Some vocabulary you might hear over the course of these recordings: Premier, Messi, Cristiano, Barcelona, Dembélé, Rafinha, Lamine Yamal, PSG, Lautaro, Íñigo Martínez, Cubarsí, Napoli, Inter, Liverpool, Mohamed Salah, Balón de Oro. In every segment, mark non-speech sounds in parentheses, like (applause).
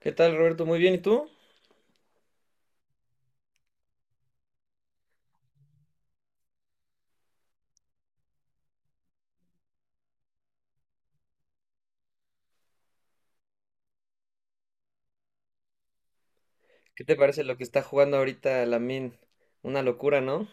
¿Qué tal, Roberto? Muy bien, ¿y tú? ¿Qué te parece lo que está jugando ahorita Lamin? Una locura, ¿no?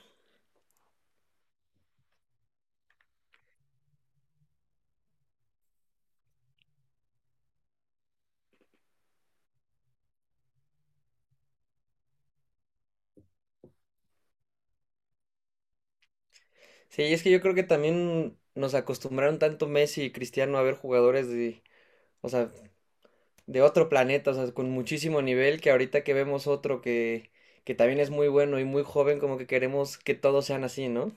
Sí, es que yo creo que también nos acostumbraron tanto Messi y Cristiano a ver jugadores o sea, de otro planeta, o sea, con muchísimo nivel, que ahorita que vemos otro que también es muy bueno y muy joven, como que queremos que todos sean así, ¿no?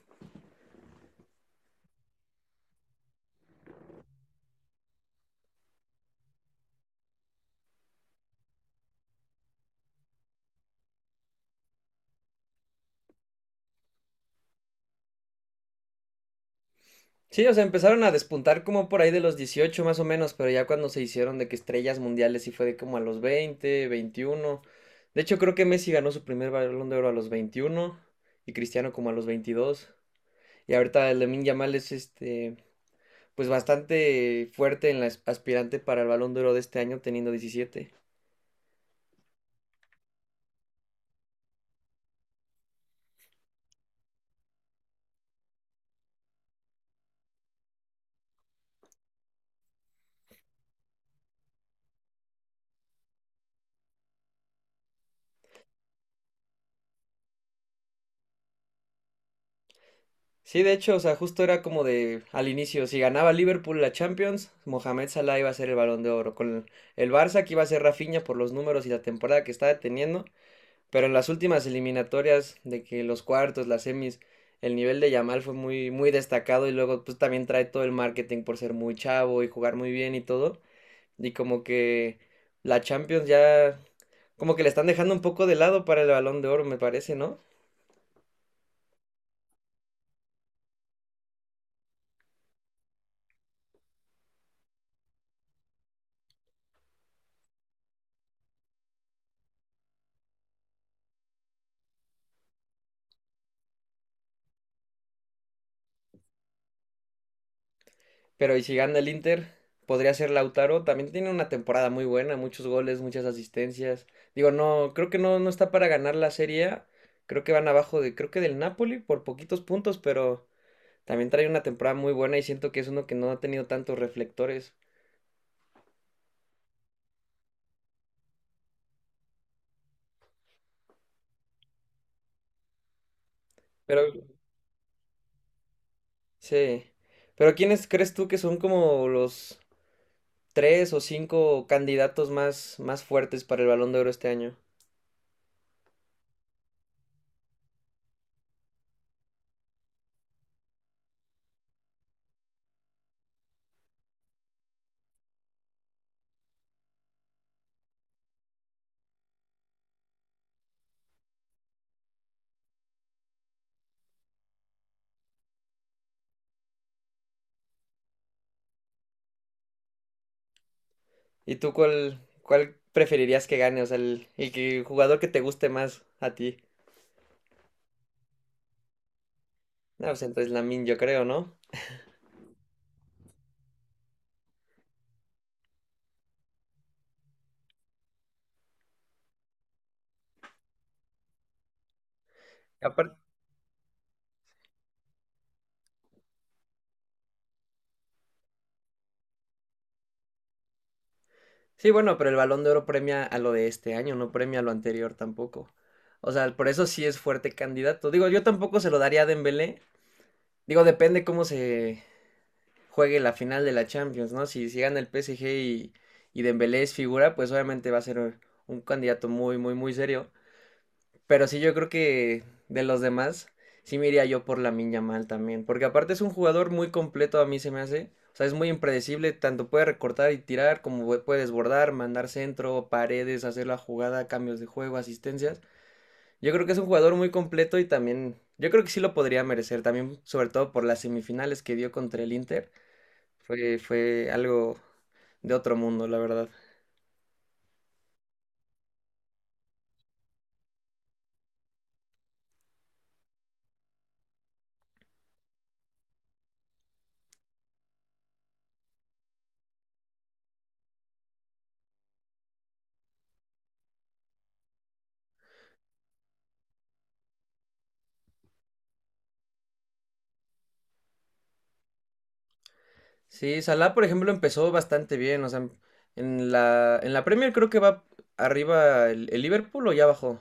Sí, o sea, empezaron a despuntar como por ahí de los 18 más o menos, pero ya cuando se hicieron de que estrellas mundiales sí fue de como a los 20, 21. De hecho, creo que Messi ganó su primer Balón de Oro a los 21 y Cristiano como a los 22. Y ahorita el Lamine Yamal es este, pues bastante fuerte en la aspirante para el Balón de Oro de este año teniendo 17. Sí, de hecho, o sea, justo era como de al inicio, si ganaba Liverpool la Champions, Mohamed Salah iba a ser el Balón de Oro. Con el Barça que iba a ser Rafinha por los números y la temporada que estaba teniendo. Pero en las últimas eliminatorias, de que los cuartos, las semis, el nivel de Yamal fue muy, muy destacado y luego pues también trae todo el marketing por ser muy chavo y jugar muy bien y todo. Y como que la Champions ya, como que le están dejando un poco de lado para el Balón de Oro, me parece, ¿no? Pero y si gana el Inter, podría ser Lautaro. También tiene una temporada muy buena, muchos goles, muchas asistencias. Digo, no, creo que no, no está para ganar la Serie A. Creo que van abajo de, creo que del Napoli por poquitos puntos, pero... También trae una temporada muy buena y siento que es uno que no ha tenido tantos reflectores. Pero sí. Pero ¿quiénes crees tú que son como los tres o cinco candidatos más, más fuertes para el Balón de Oro este año? ¿Y tú cuál preferirías que gane? O sea, el el jugador que te guste más a ti. No, pues entonces Lamine, yo creo, ¿no? Sí, bueno, pero el Balón de Oro premia a lo de este año, no premia a lo anterior tampoco. O sea, por eso sí es fuerte candidato. Digo, yo tampoco se lo daría a Dembélé. Digo, depende cómo se juegue la final de la Champions, ¿no? Si gana el PSG y Dembélé es figura, pues obviamente va a ser un candidato muy, muy, muy serio. Pero sí, yo creo que de los demás, sí me iría yo por la Mal también. Porque aparte es un jugador muy completo, a mí se me hace. O sea, es muy impredecible, tanto puede recortar y tirar, como puede desbordar, mandar centro, paredes, hacer la jugada, cambios de juego, asistencias. Yo creo que es un jugador muy completo y también, yo creo que sí lo podría merecer, también sobre todo por las semifinales que dio contra el Inter. Fue algo de otro mundo, la verdad. Sí, Salah, por ejemplo, empezó bastante bien. O sea, en la Premier creo que va arriba el Liverpool o ya bajó.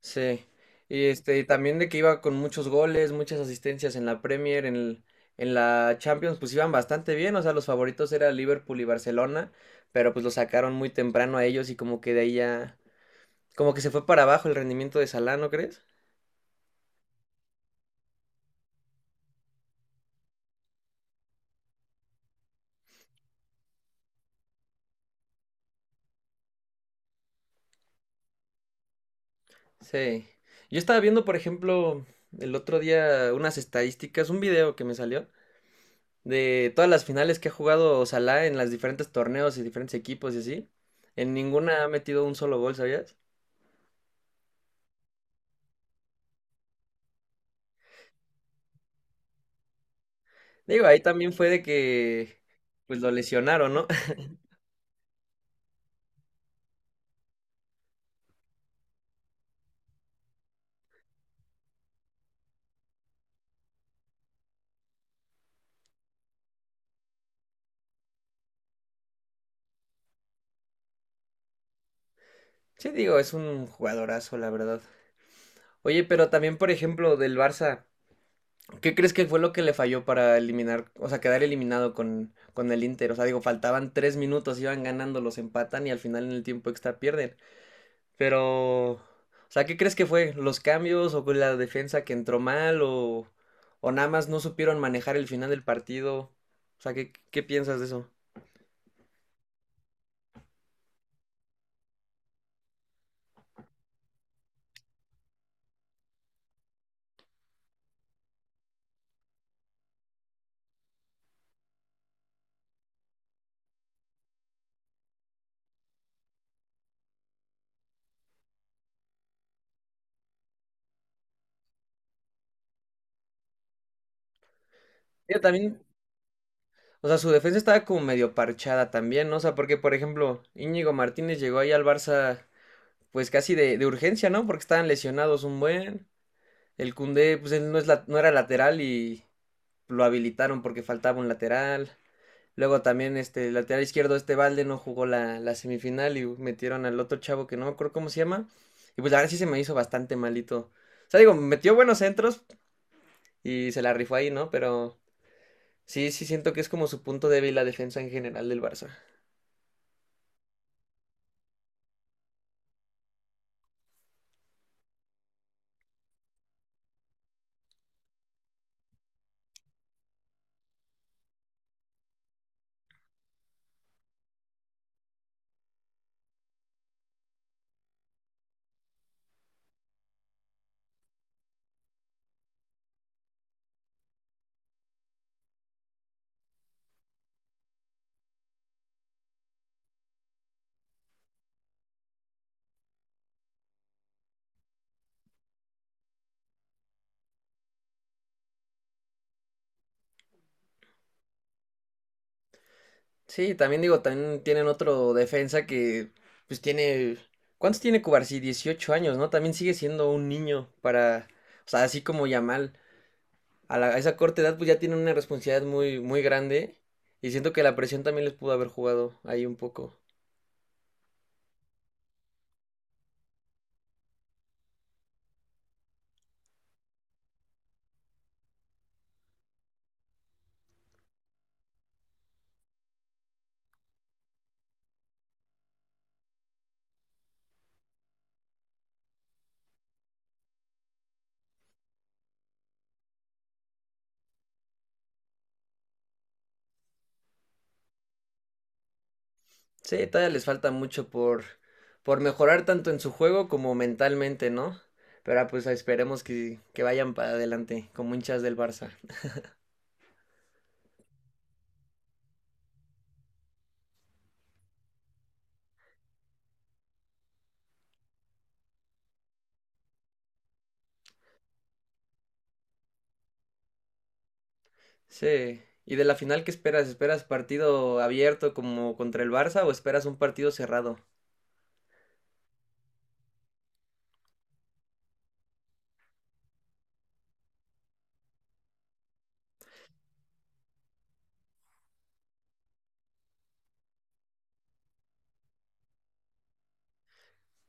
Sí. Y este, y también de que iba con muchos goles, muchas asistencias en la Premier, en la Champions, pues iban bastante bien. O sea, los favoritos eran Liverpool y Barcelona, pero pues lo sacaron muy temprano a ellos y como que de ahí ya, como que se fue para abajo el rendimiento de Salah, ¿no crees? Sí. Yo estaba viendo, por ejemplo, el otro día unas estadísticas, un video que me salió de todas las finales que ha jugado Salah en los diferentes torneos y diferentes equipos y así, en ninguna ha metido un solo gol, ¿sabías? Digo, ahí también fue de que pues lo lesionaron, ¿no? (laughs) Sí, digo, es un jugadorazo, la verdad. Oye, pero también, por ejemplo, del Barça, ¿qué crees que fue lo que le falló para eliminar, o sea, quedar eliminado con el Inter? O sea, digo, faltaban 3 minutos, iban ganando, los empatan y al final en el tiempo extra pierden. Pero, o sea, ¿qué crees que fue? ¿Los cambios o la defensa que entró mal o nada más no supieron manejar el final del partido? O sea, ¿qué, qué piensas de eso? Yo también, o sea, su defensa estaba como medio parchada también, ¿no? O sea, porque, por ejemplo, Íñigo Martínez llegó ahí al Barça pues casi de urgencia, ¿no? Porque estaban lesionados un buen. El Cundé, pues él no, es no era lateral y lo habilitaron porque faltaba un lateral. Luego también este el lateral izquierdo, este balde no jugó la semifinal y metieron al otro chavo que no me acuerdo cómo se llama. Y pues la verdad sí se me hizo bastante malito. O sea, digo, metió buenos centros y se la rifó ahí, ¿no? Pero sí, sí siento que es como su punto débil la defensa en general del Barça. Sí, también digo, también tienen otro defensa que pues tiene... ¿Cuántos tiene Cubarsí? 18 años, ¿no? También sigue siendo un niño para... O sea, así como Yamal. A esa corta edad pues ya tienen una responsabilidad muy, muy grande y siento que la presión también les pudo haber jugado ahí un poco. Sí, todavía les falta mucho por mejorar tanto en su juego como mentalmente, ¿no? Pero ah, pues esperemos que vayan para adelante como hinchas del Barça. Sí. ¿Y de la final qué esperas? ¿Esperas partido abierto como contra el Barça o esperas un partido cerrado?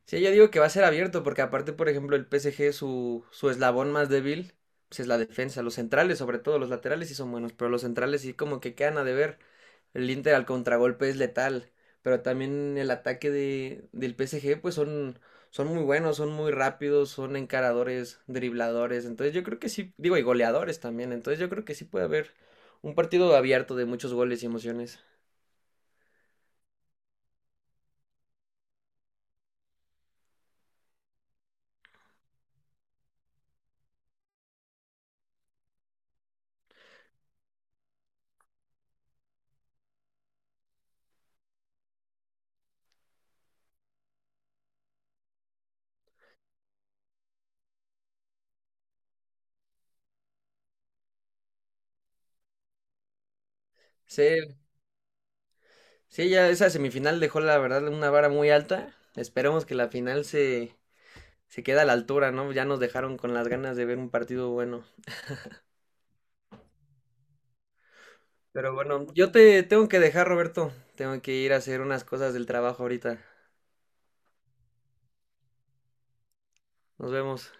Sí, yo digo que va a ser abierto, porque aparte, por ejemplo, el PSG, su eslabón más débil, pues es la defensa. Los centrales, sobre todo, los laterales sí son buenos, pero los centrales sí como que quedan a deber. El Inter al contragolpe es letal, pero también el ataque del PSG, pues son, son muy buenos, son muy rápidos, son encaradores, dribladores. Entonces yo creo que sí, digo, y goleadores también. Entonces yo creo que sí puede haber un partido abierto de muchos goles y emociones. Sí, sí, ya esa semifinal dejó la verdad una vara muy alta. Esperemos que la final se quede a la altura, ¿no? Ya nos dejaron con las ganas de ver un partido bueno. Pero bueno, yo te tengo que dejar, Roberto. Tengo que ir a hacer unas cosas del trabajo ahorita. Nos vemos.